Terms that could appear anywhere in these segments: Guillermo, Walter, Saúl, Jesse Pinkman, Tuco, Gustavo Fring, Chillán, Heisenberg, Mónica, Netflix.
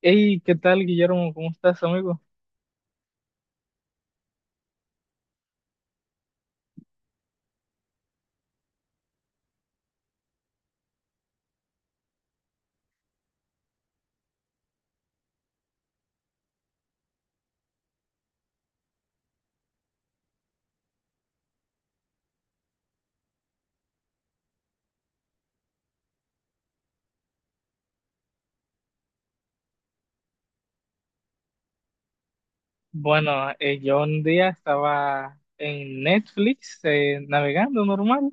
Hey, ¿qué tal, Guillermo? ¿Cómo estás, amigo? Bueno, yo un día estaba en Netflix navegando normal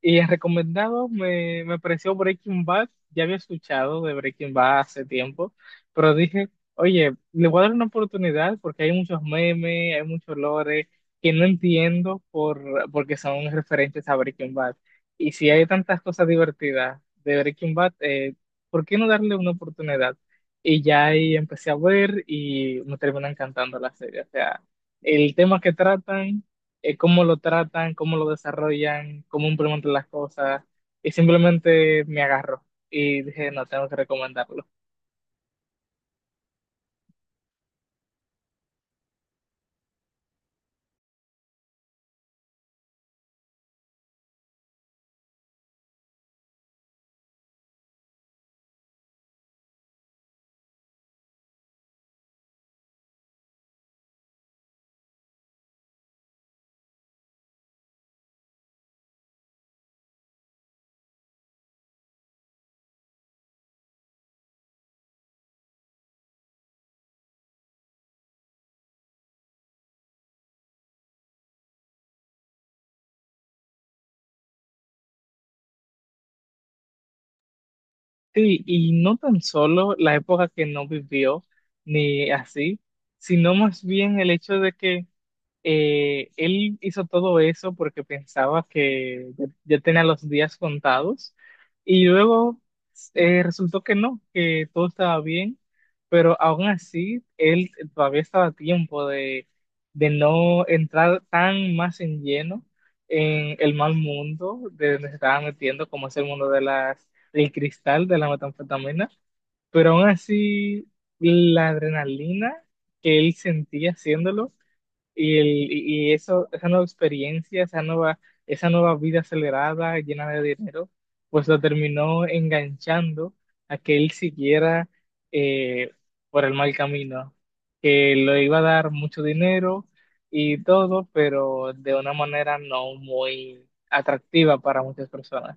y en recomendado me apareció Breaking Bad. Ya había escuchado de Breaking Bad hace tiempo, pero dije, oye, le voy a dar una oportunidad porque hay muchos memes, hay muchos lore que no entiendo porque son referentes a Breaking Bad. Y si hay tantas cosas divertidas de Breaking Bad, ¿por qué no darle una oportunidad? Y ya ahí empecé a ver y me termina encantando la serie. O sea, el tema que tratan, cómo lo tratan, cómo lo desarrollan, cómo implementan las cosas. Y simplemente me agarró y dije, no, tengo que recomendarlo. Sí, y no tan solo la época que no vivió, ni así, sino más bien el hecho de que él hizo todo eso porque pensaba que ya tenía los días contados y luego resultó que no, que todo estaba bien, pero aún así él todavía estaba a tiempo de no entrar tan más en lleno en el mal mundo de donde se estaba metiendo, como es el mundo de del cristal, de la metanfetamina, pero aún así la adrenalina que él sentía haciéndolo y, el, y eso, esa nueva experiencia, esa nueva vida acelerada, llena de dinero, pues lo terminó enganchando a que él siguiera eh, por el mal camino, que le iba a dar mucho dinero y todo, pero de una manera no muy atractiva para muchas personas.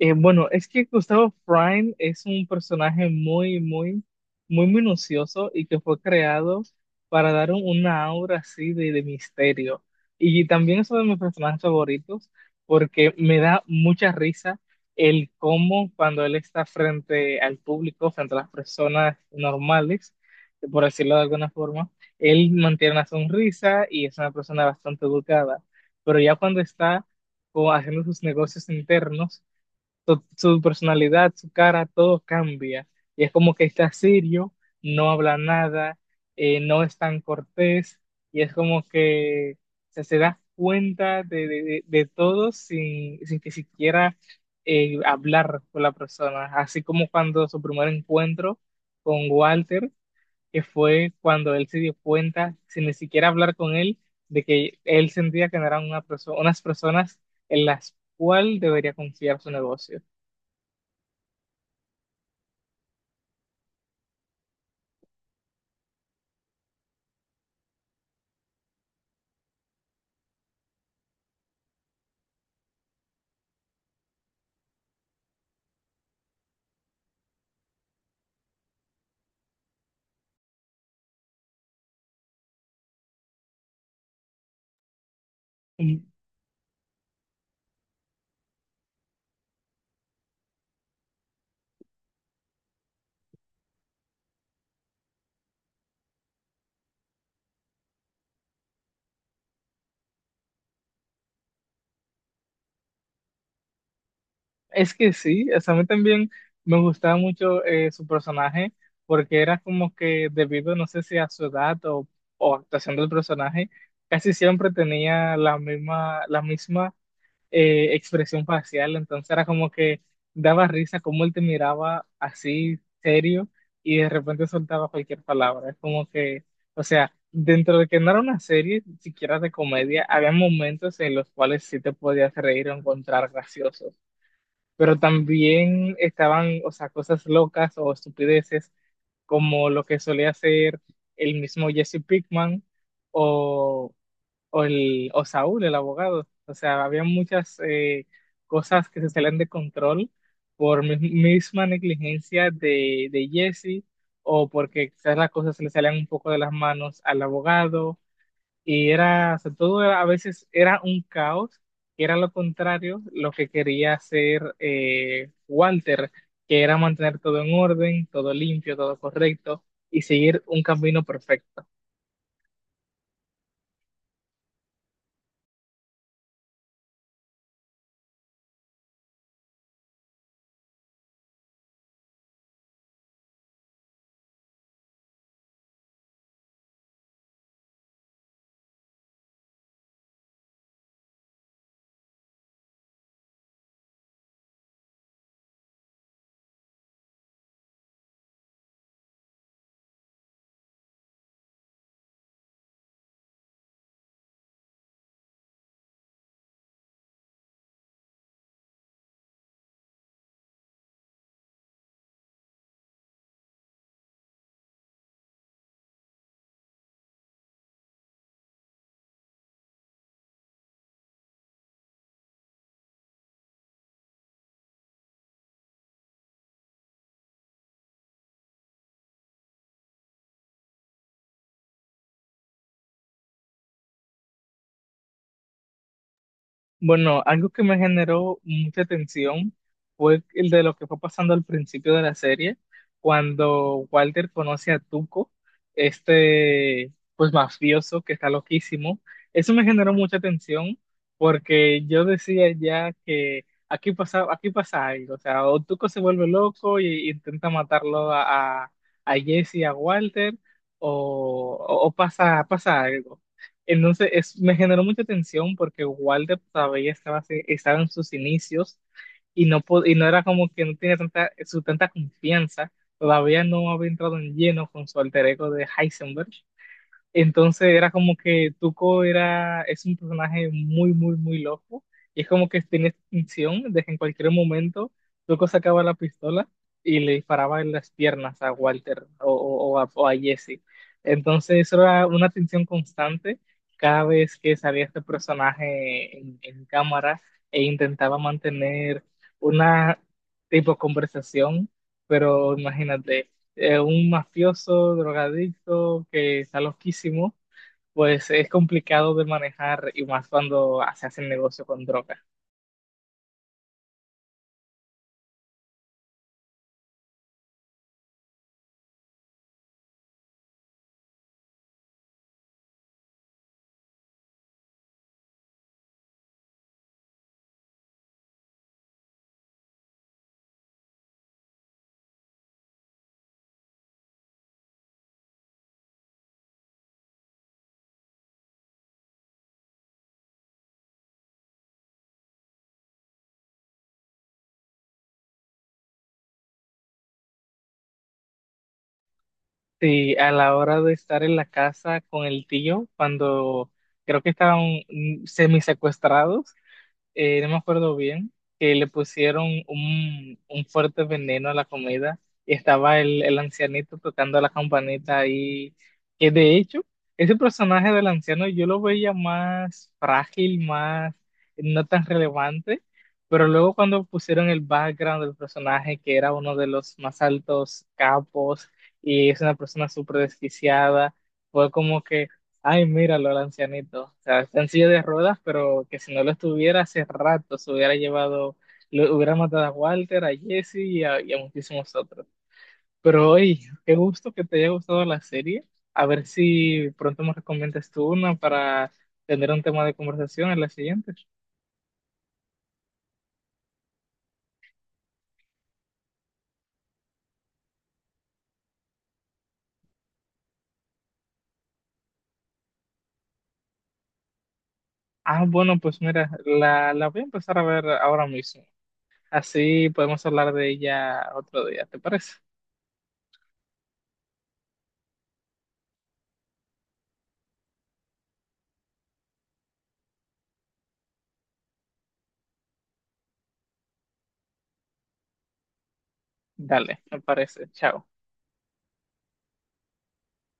Bueno, es que Gustavo Fring es un personaje muy, muy minucioso y que fue creado para dar una aura así de misterio. Y también es uno de mis personajes favoritos porque me da mucha risa el cómo cuando él está frente al público, frente a las personas normales, por decirlo de alguna forma, él mantiene una sonrisa y es una persona bastante educada. Pero ya cuando está como haciendo sus negocios internos, su personalidad, su cara, todo cambia. Y es como que está serio, no habla nada, no es tan cortés, y es como que, o sea, se da cuenta de todo sin que siquiera hablar con la persona. Así como cuando su primer encuentro con Walter, que fue cuando él se dio cuenta, sin ni siquiera hablar con él, de que él sentía que no eran unas personas en las cuales debería confiar su negocio. Mm. Es que sí, o sea, a mí también me gustaba mucho su personaje porque era como que debido, no sé si a su edad o actuación del personaje, casi siempre tenía la misma expresión facial, entonces era como que daba risa como él te miraba así serio y de repente soltaba cualquier palabra. Es como que, o sea, dentro de que no era una serie siquiera de comedia, había momentos en los cuales sí te podías reír o encontrar gracioso, pero también estaban, o sea, cosas locas o estupideces como lo que solía hacer el mismo Jesse Pinkman o, o Saúl, el abogado. O sea, había muchas cosas que se salían de control por misma negligencia de Jesse o porque quizás las cosas se le salían un poco de las manos al abogado y era, o sea, a veces era un caos, que era lo contrario, lo que quería hacer Walter, que era mantener todo en orden, todo limpio, todo correcto y seguir un camino perfecto. Bueno, algo que me generó mucha tensión fue el de lo que fue pasando al principio de la serie, cuando Walter conoce a Tuco, este pues mafioso que está loquísimo. Eso me generó mucha tensión porque yo decía, ya que aquí pasa algo, o sea, o Tuco se vuelve loco y intenta matarlo a Jesse, a Walter, o pasa, pasa algo. Entonces es, me generó mucha tensión porque Walder todavía estaba, estaba en sus inicios y no, y no era como que no tenía su tanta confianza, todavía no había entrado en lleno con su alter ego de Heisenberg, entonces era como que Tuco era, es un personaje muy, muy loco. Y es como que tiene esta intención de que en cualquier momento Tuco sacaba la pistola y le disparaba en las piernas a Walter o a Jesse. Entonces eso era una tensión constante cada vez que salía este personaje en cámara e intentaba mantener una tipo conversación. Pero imagínate, un mafioso, drogadicto, que está loquísimo, pues es complicado de manejar y más cuando se hace el negocio con droga. Sí, a la hora de estar en la casa con el tío, cuando creo que estaban semi secuestrados, no me acuerdo bien, que le pusieron un fuerte veneno a la comida y estaba el ancianito tocando la campanita ahí, que de hecho, ese personaje del anciano yo lo veía más frágil, más no tan relevante, pero luego cuando pusieron el background del personaje, que era uno de los más altos capos y es una persona súper desquiciada, fue como que... Ay, míralo, el ancianito. O sea, está en silla de ruedas, pero que si no lo estuviera, hace rato se hubiera llevado, lo hubiera matado a Walter, a Jesse y a muchísimos otros. Pero hoy, qué gusto que te haya gustado la serie. A ver si pronto me recomiendas tú una para tener un tema de conversación en la siguiente. Ah, bueno, pues mira, la voy a empezar a ver ahora mismo. Así podemos hablar de ella otro día, ¿te parece? Dale, me parece. Chao.